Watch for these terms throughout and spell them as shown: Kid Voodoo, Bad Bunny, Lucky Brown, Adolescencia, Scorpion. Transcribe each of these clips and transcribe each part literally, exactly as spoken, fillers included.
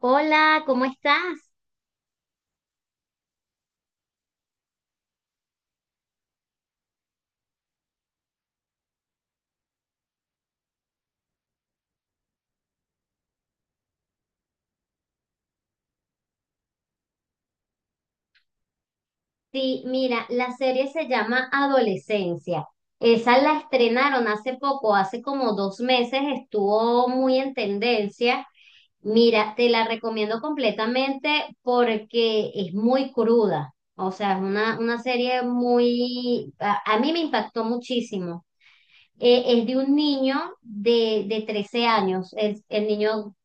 Hola, ¿cómo estás? Sí, mira, la serie se llama Adolescencia. Esa la estrenaron hace poco, hace como dos meses, estuvo muy en tendencia. Mira, te la recomiendo completamente porque es muy cruda. O sea, es una, una serie muy... A, a mí me impactó muchísimo. Eh, es de un niño de, de trece años. El, el niño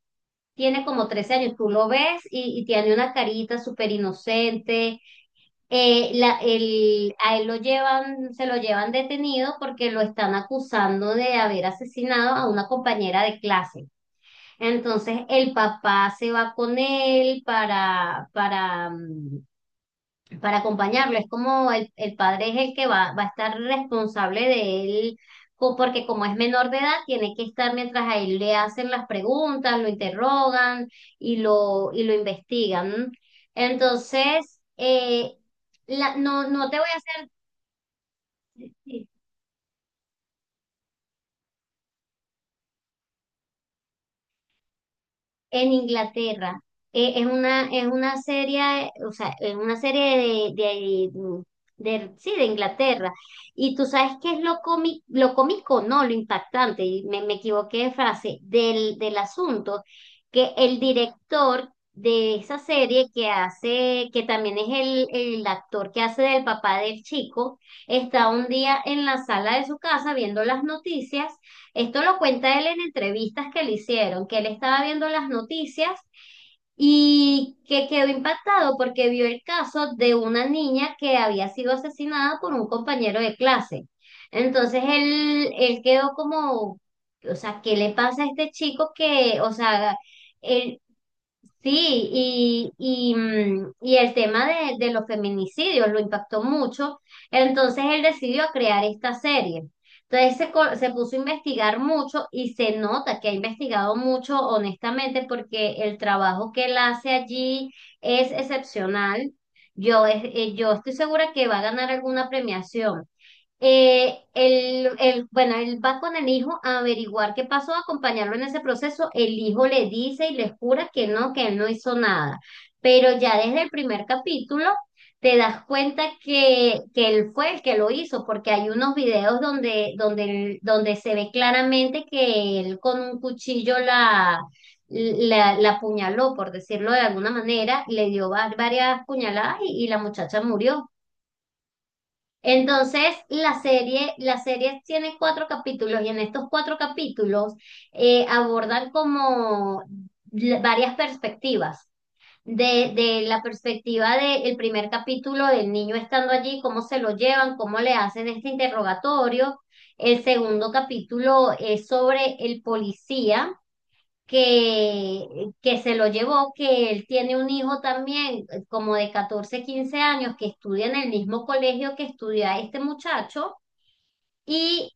tiene como trece años, tú lo ves y, y tiene una carita súper inocente. Eh, la, el, a él lo llevan, se lo llevan detenido porque lo están acusando de haber asesinado a una compañera de clase. Entonces el papá se va con él para, para, mm, para acompañarlo. Es como el, el padre es el que va, va a estar responsable de él, co- porque como es menor de edad, tiene que estar mientras a él le hacen las preguntas, lo interrogan y lo, y lo investigan. Entonces, eh, la- no, no te voy a hacer en Inglaterra. Eh, es una, es una serie, eh, o sea, es una serie de, de, mm, de- sí, de Inglaterra. Y tú sabes qué es lo cómico, lo cómico, no, lo impactante, y me, me equivoqué de frase, del, del asunto, que el director de esa serie que hace, que también es el, el actor que hace del papá del chico, está un día en la sala de su casa viendo las noticias. Esto lo cuenta él en entrevistas que le hicieron, que él estaba viendo las noticias y que quedó impactado porque vio el caso de una niña que había sido asesinada por un compañero de clase. Entonces él, él quedó como, o sea, ¿qué le pasa a este chico que, o sea, él? Sí, y, y, mm, y el tema de, de los feminicidios lo impactó mucho, entonces él decidió crear esta serie. Entonces se, co- se puso a investigar mucho y se nota que ha investigado mucho, honestamente, porque el trabajo que él hace allí es excepcional. Yo, es- eh, yo estoy segura que va a ganar alguna premiación. Eh, él, él- bueno, él va con el hijo a averiguar qué pasó, a acompañarlo en ese proceso. El hijo le dice y le jura que no, que él no hizo nada. Pero ya desde el primer capítulo te das cuenta que, que él fue el que lo hizo, porque hay unos videos donde, donde, él- donde se ve claramente que él con un cuchillo la, la, la apuñaló, por decirlo de alguna manera, le dio va- varias puñaladas y y la muchacha murió. Entonces, la serie, la serie tiene cuatro capítulos y en estos cuatro capítulos eh, abordan como la- varias perspectivas. De, de la perspectiva del primer capítulo del niño estando allí, cómo se lo llevan, cómo le hacen este interrogatorio. El segundo capítulo es sobre el policía que, que se lo llevó, que él tiene un hijo también, eh, como de catorce quince años, que estudia en el mismo colegio que estudia este muchacho. Y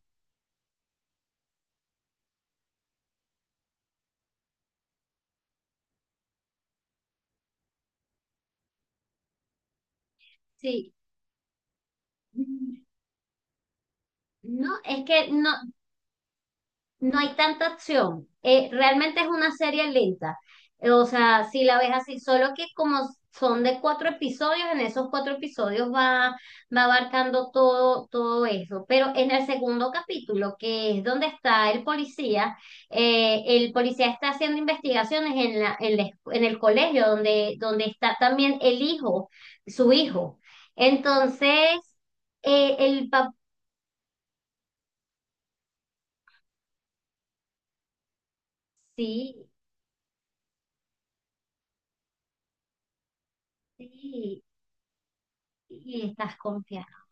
sí, no, es que no, no hay tanta acción. Eh, realmente es una serie lenta. Eh, o sea, si la ves así, solo que como son de cuatro episodios, en esos cuatro episodios va, va abarcando todo, todo eso. Pero en el segundo capítulo, que es donde está el policía, eh, el policía está haciendo investigaciones en la, en la escu- en el colegio, donde, donde está también el hijo, su hijo. Entonces, eh, el papá, sí, sí, y estás confiado.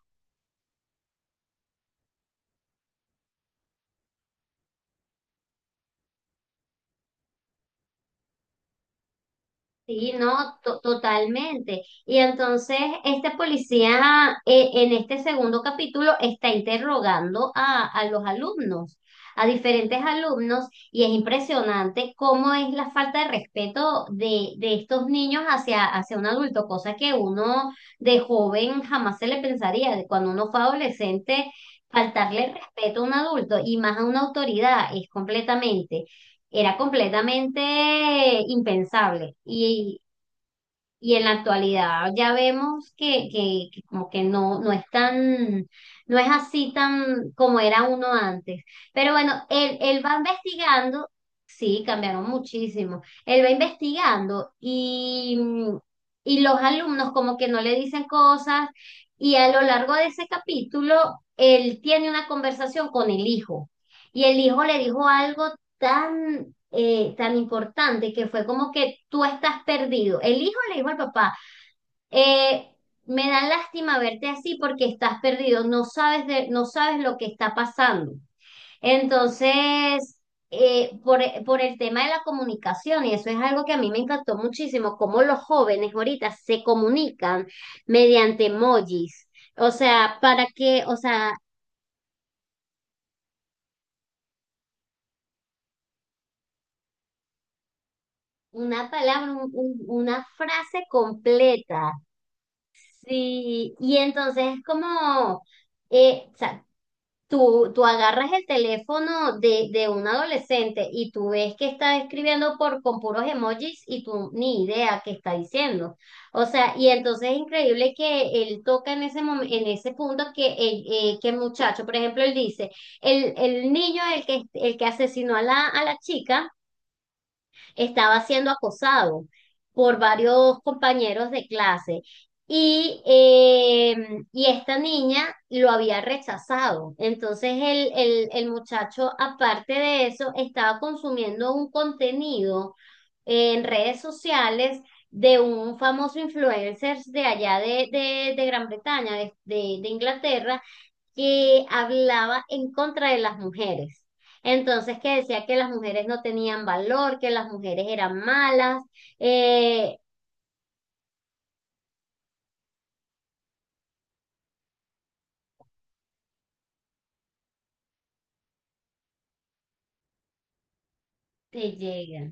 Sí, no, to- totalmente. Y entonces este policía eh, en este segundo capítulo está interrogando a, a los alumnos, a diferentes alumnos, y es impresionante cómo es la falta de respeto de, de estos niños hacia, hacia un adulto, cosa que uno de joven jamás se le pensaría, de cuando uno fue adolescente, faltarle respeto a un adulto y más a una autoridad es completamente, era completamente impensable. Y y en la actualidad ya vemos que, que, que como que no, no es tan, no es así tan como era uno antes. Pero bueno, él, él va investigando, sí, cambiaron muchísimo. Él va investigando y, mm, y los alumnos como que no le dicen cosas y a lo largo de ese capítulo, él tiene una conversación con el hijo y el hijo le dijo algo tan eh, tan importante que fue como que tú estás perdido. El hijo le dijo al papá, eh, me da lástima verte así porque estás perdido, no sabes de, no sabes lo que está pasando. Entonces, eh, por, por el tema de la comunicación, y eso es algo que a mí me encantó muchísimo, cómo los jóvenes ahorita se comunican mediante emojis. O sea, para que, o sea, una palabra, un- un- una frase completa. Sí, y entonces es como, eh, o sea, tú, tú agarras el teléfono de, de un adolescente y tú ves que está escribiendo por, con puros emojis y tú ni idea qué está diciendo. O sea, y entonces es increíble que él toca en ese momen- en ese punto que el, eh, que el muchacho, por ejemplo, él dice, el, el niño, el que, el que asesinó a la, a la chica estaba siendo acosado por varios compañeros de clase. Y, eh, y esta niña lo había rechazado. Entonces el, el, el muchacho, aparte de eso, estaba consumiendo un contenido en redes sociales de un famoso influencer de allá de, de, de Gran Bretaña, de, de- de Inglaterra, que hablaba en contra de las mujeres. Entonces, que decía que las mujeres no tenían valor, que las mujeres eran malas. Eh, Te llega.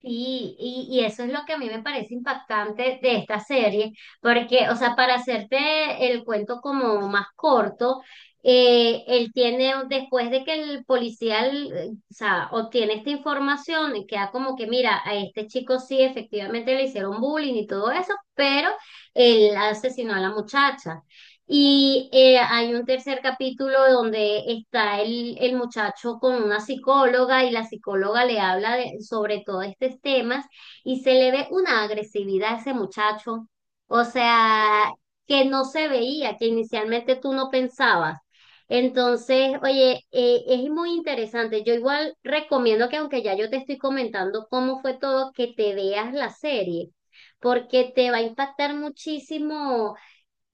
Sí, y, y eso es lo que a mí me parece impactante de esta serie, porque, o sea, para hacerte el cuento como más corto, eh, él tiene, después de que el policía, eh, o sea, obtiene esta información, y queda como que, mira, a este chico sí, efectivamente le hicieron bullying y todo eso, pero él asesinó a la muchacha. Y eh, hay un tercer capítulo donde está el, el muchacho con una psicóloga y la psicóloga le habla de- sobre todos estos temas y se le ve una agresividad a ese muchacho, o sea, que no se veía, que inicialmente tú no pensabas. Entonces, oye, eh, es muy interesante. Yo igual recomiendo que aunque ya yo te estoy comentando cómo fue todo, que te veas la serie, porque te va a impactar muchísimo.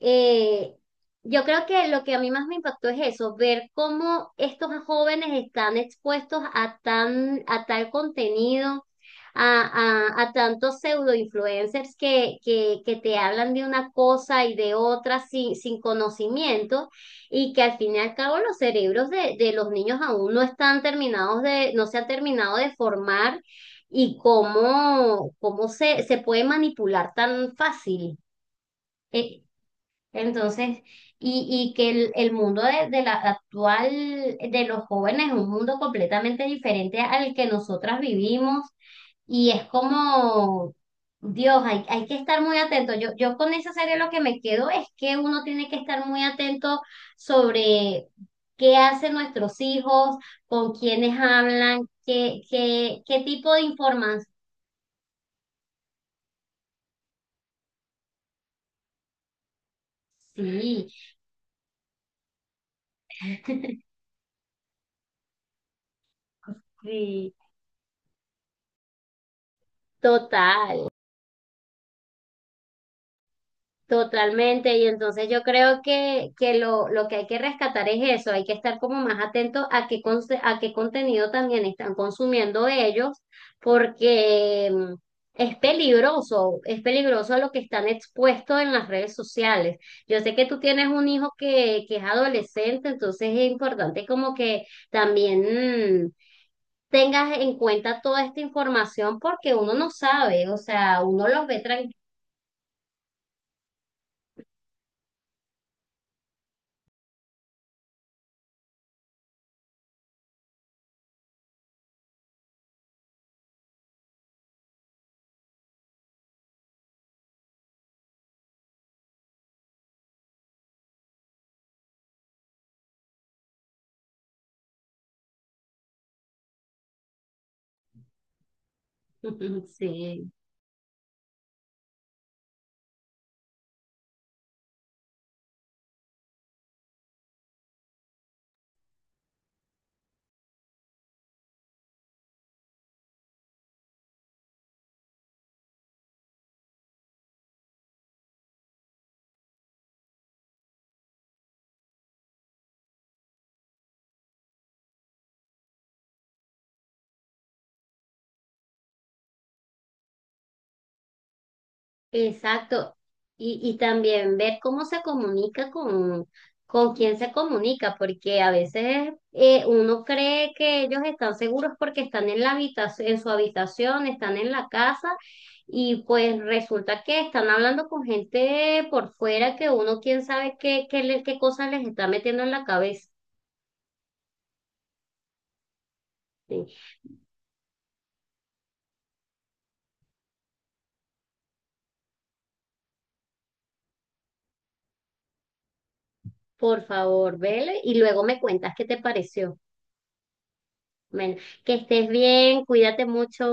eh, yo creo que lo que a mí más me impactó es eso, ver cómo estos jóvenes están expuestos a tan, a tal contenido, a, a, a tantos pseudo influencers que, que, que te hablan de una cosa y de otra sin, sin conocimiento, y que al fin y al cabo los cerebros de, de los niños aún no están terminados de, no se han terminado de formar, y cómo, cómo se, se puede manipular tan fácil. Eh, entonces, y, y que el, el mundo de, de la actual, de los jóvenes es un mundo completamente diferente al que nosotras vivimos y es como, Dios, hay, hay que estar muy atento. Yo, yo con esa serie lo que me quedo es que uno tiene que estar muy atento sobre qué hacen nuestros hijos, con quiénes hablan, qué, qué, qué tipo de información. Sí, sí, total. Totalmente, y entonces yo creo que, que lo, lo que hay que rescatar es eso, hay que estar como más atento a qué, conse- a qué contenido también están consumiendo ellos, porque mm, es peligroso, es peligroso a lo que están expuestos en las redes sociales. Yo sé que tú tienes un hijo que, que es adolescente, entonces es importante como que también... mm, tengas en cuenta toda esta información porque uno no sabe, o sea, uno los ve tranquilos. Sí. Exacto. Y, y también ver cómo se comunica con, con quién se comunica, porque a veces eh, uno cree que ellos están seguros porque están en la habitación, en su habitación, están en la casa, y pues resulta que están hablando con gente por fuera que uno quién sabe qué, qué, le- qué cosas les está metiendo en la cabeza. Sí. Por favor, vele y luego me cuentas qué te pareció. Bueno, que estés bien, cuídate mucho.